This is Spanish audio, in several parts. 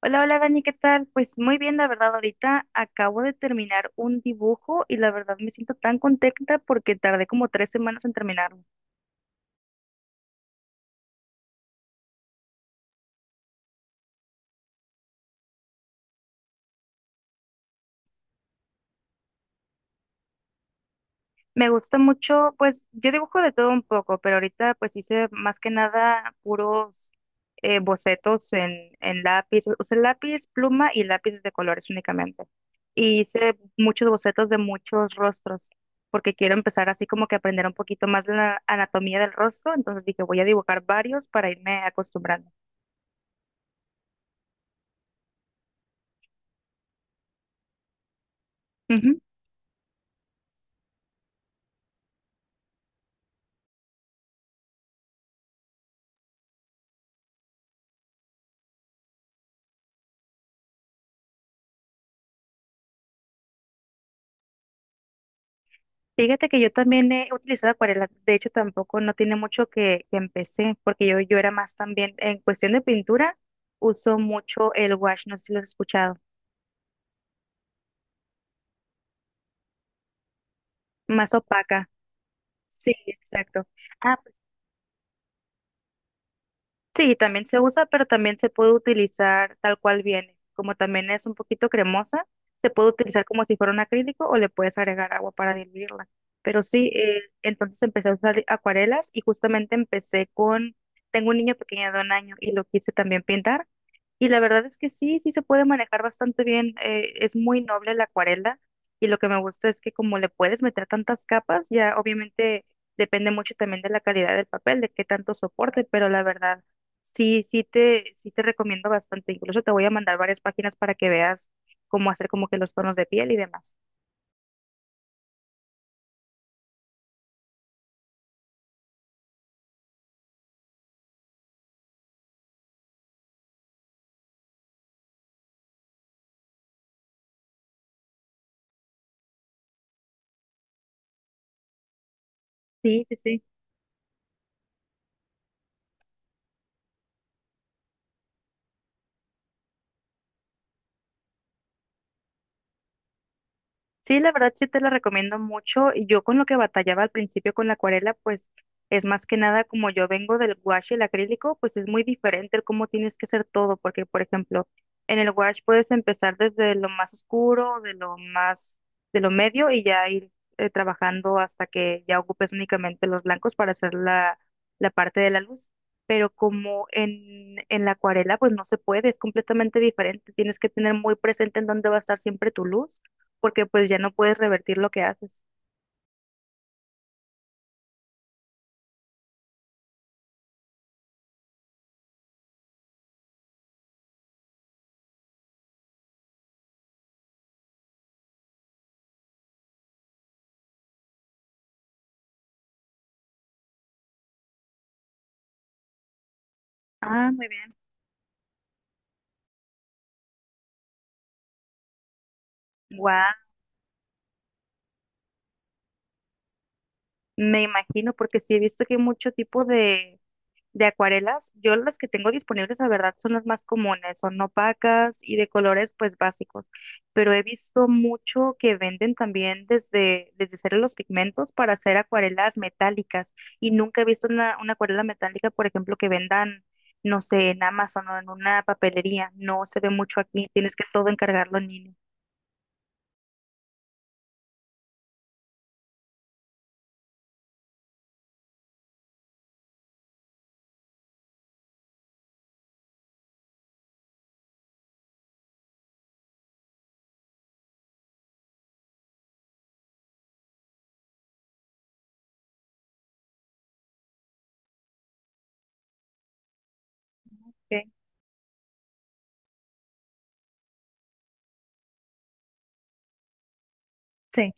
Hola, hola Dani, ¿qué tal? Pues muy bien, la verdad, ahorita acabo de terminar un dibujo y la verdad me siento tan contenta porque tardé como 3 semanas en terminarlo. Me gusta mucho, pues yo dibujo de todo un poco, pero ahorita pues hice más que nada puros bocetos en lápiz, usé lápiz, pluma y lápiz de colores únicamente. Y hice muchos bocetos de muchos rostros porque quiero empezar así como que aprender un poquito más la anatomía del rostro, entonces dije voy a dibujar varios para irme acostumbrando. Ujú. Fíjate que yo también he utilizado acuarela, de hecho tampoco no tiene mucho que empecé, porque yo era más también, en cuestión de pintura, uso mucho el wash, ¿no sé si lo has escuchado? Más opaca, sí, exacto. Ah, sí, también se usa, pero también se puede utilizar tal cual viene. Como también es un poquito cremosa, se puede utilizar como si fuera un acrílico o le puedes agregar agua para diluirla. Pero sí, entonces empecé a usar acuarelas y justamente empecé con, tengo un niño pequeño de 1 año y lo quise también pintar. Y la verdad es que sí, sí se puede manejar bastante bien. Es muy noble la acuarela y lo que me gusta es que como le puedes meter tantas capas, ya obviamente depende mucho también de la calidad del papel, de qué tanto soporte, pero la verdad sí, sí te recomiendo bastante. Incluso te voy a mandar varias páginas para que veas cómo hacer como que los tonos de piel y demás. Sí, sí, sí. Sí, la verdad sí te la recomiendo mucho. Y yo con lo que batallaba al principio con la acuarela, pues es más que nada como yo vengo del gouache y el acrílico, pues es muy diferente el cómo tienes que hacer todo, porque por ejemplo, en el gouache puedes empezar desde lo más oscuro, de lo más, de lo medio y ya ir trabajando hasta que ya ocupes únicamente los blancos para hacer la parte de la luz. Pero como en la acuarela, pues no se puede, es completamente diferente. Tienes que tener muy presente en dónde va a estar siempre tu luz porque pues ya no puedes revertir lo que haces. Ah, muy bien. Guau, me imagino, porque sí he visto que hay mucho tipo de acuarelas. Yo las que tengo disponibles, la verdad, son las más comunes, son opacas y de colores pues básicos. Pero he visto mucho que venden también desde, desde hacer los pigmentos para hacer acuarelas metálicas. Y nunca he visto una acuarela metálica, por ejemplo, que vendan, no sé, en Amazon o en una papelería. No se ve mucho aquí, tienes que todo encargarlo en línea. Ok, sí,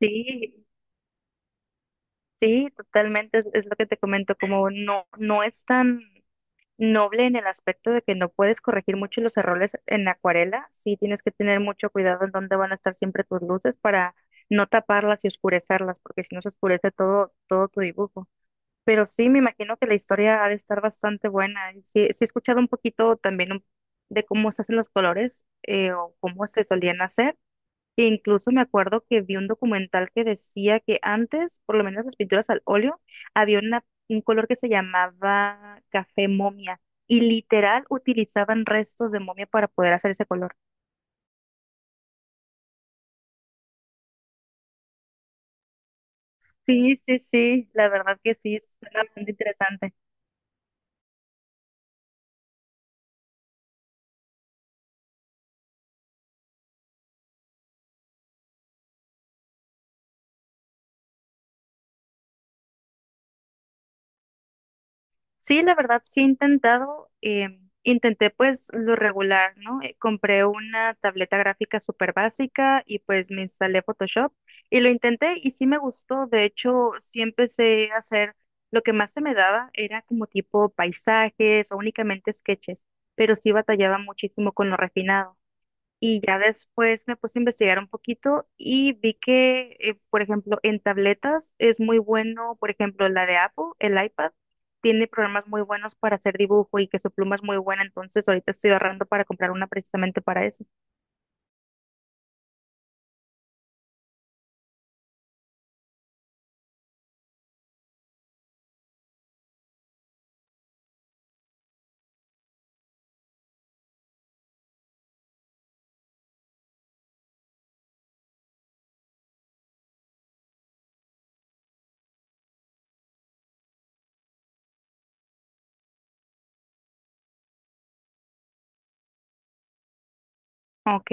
sí, sí, totalmente, es lo que te comento, como no, no es tan noble en el aspecto de que no puedes corregir mucho los errores en la acuarela, sí tienes que tener mucho cuidado en dónde van a estar siempre tus luces para no taparlas y oscurecerlas, porque si no se oscurece todo, todo tu dibujo. Pero sí, me imagino que la historia ha de estar bastante buena. Y sí, sí he escuchado un poquito también de cómo se hacen los colores o cómo se solían hacer, que incluso me acuerdo que vi un documental que decía que antes, por lo menos las pinturas al óleo, había un color que se llamaba café momia y literal utilizaban restos de momia para poder hacer ese color. Sí, sí, sí, la verdad que sí, es bastante interesante. Sí, la verdad, sí he intentado. Intenté pues lo regular, ¿no? Compré una tableta gráfica súper básica y pues me instalé Photoshop y lo intenté y sí me gustó. De hecho, sí empecé a hacer lo que más se me daba era como tipo paisajes o únicamente sketches, pero sí batallaba muchísimo con lo refinado. Y ya después me puse a investigar un poquito y vi que, por ejemplo, en, tabletas es muy bueno, por ejemplo, la de Apple, el iPad, tiene programas muy buenos para hacer dibujo y que su pluma es muy buena, entonces ahorita estoy ahorrando para comprar una precisamente para eso. Ok.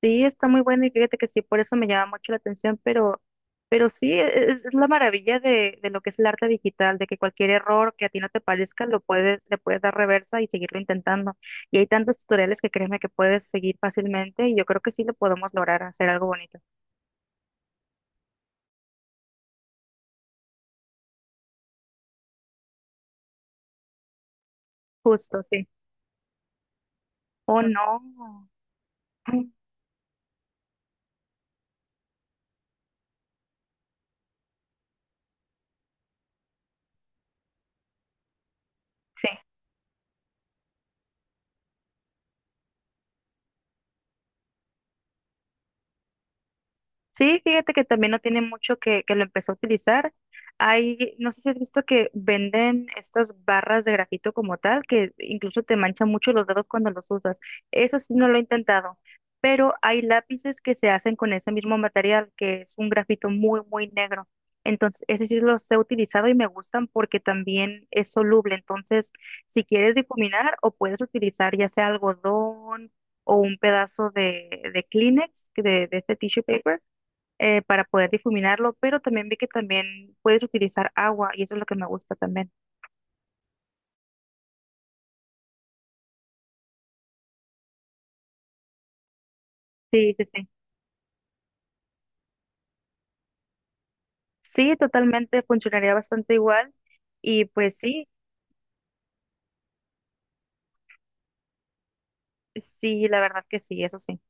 Sí, está muy buena y fíjate que sí, por eso me llama mucho la atención, pero sí, es la maravilla de lo que es el arte digital, de que cualquier error que a ti no te parezca, lo puedes, le puedes dar reversa y seguirlo intentando. Y hay tantos tutoriales que créeme que puedes seguir fácilmente y yo creo que sí lo podemos lograr hacer algo bonito. Justo, sí. Oh, no. Sí. Sí, fíjate que también no tiene mucho que lo empezó a utilizar. Hay, no sé si has visto que venden estas barras de grafito como tal, que incluso te manchan mucho los dedos cuando los usas. Eso sí no lo he intentado, pero hay lápices que se hacen con ese mismo material, que es un grafito muy, muy negro. Entonces, ese sí los he utilizado y me gustan porque también es soluble. Entonces, si quieres difuminar o puedes utilizar ya sea algodón o un pedazo de Kleenex, que de este tissue paper para poder difuminarlo, pero también vi que también puedes utilizar agua y eso es lo que me gusta también. Sí, sí, sí. Sí, totalmente funcionaría bastante igual y pues sí, sí, la verdad que sí, eso sí.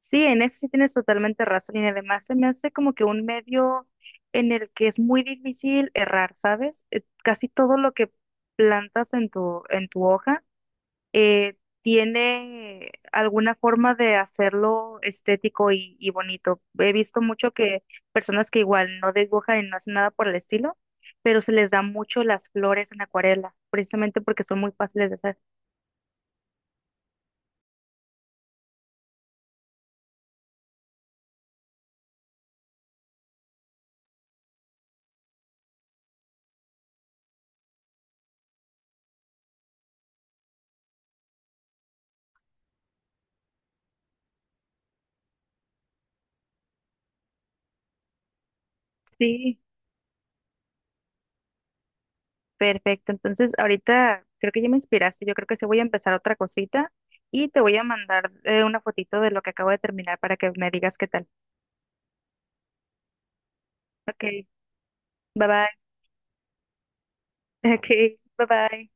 Sí, en eso sí tienes totalmente razón y además se me hace como que un medio en el que es muy difícil errar, ¿sabes? Casi todo lo que plantas en tu hoja eh, tiene alguna forma de hacerlo estético y bonito. He visto mucho que personas que igual no dibujan y no hacen nada por el estilo, pero se les da mucho las flores en acuarela, precisamente porque son muy fáciles de hacer. Sí, perfecto. Entonces, ahorita creo que ya me inspiraste. Yo creo que sí voy a empezar otra cosita y te voy a mandar una fotito de lo que acabo de terminar para que me digas qué tal. Ok, bye bye. Ok, bye bye.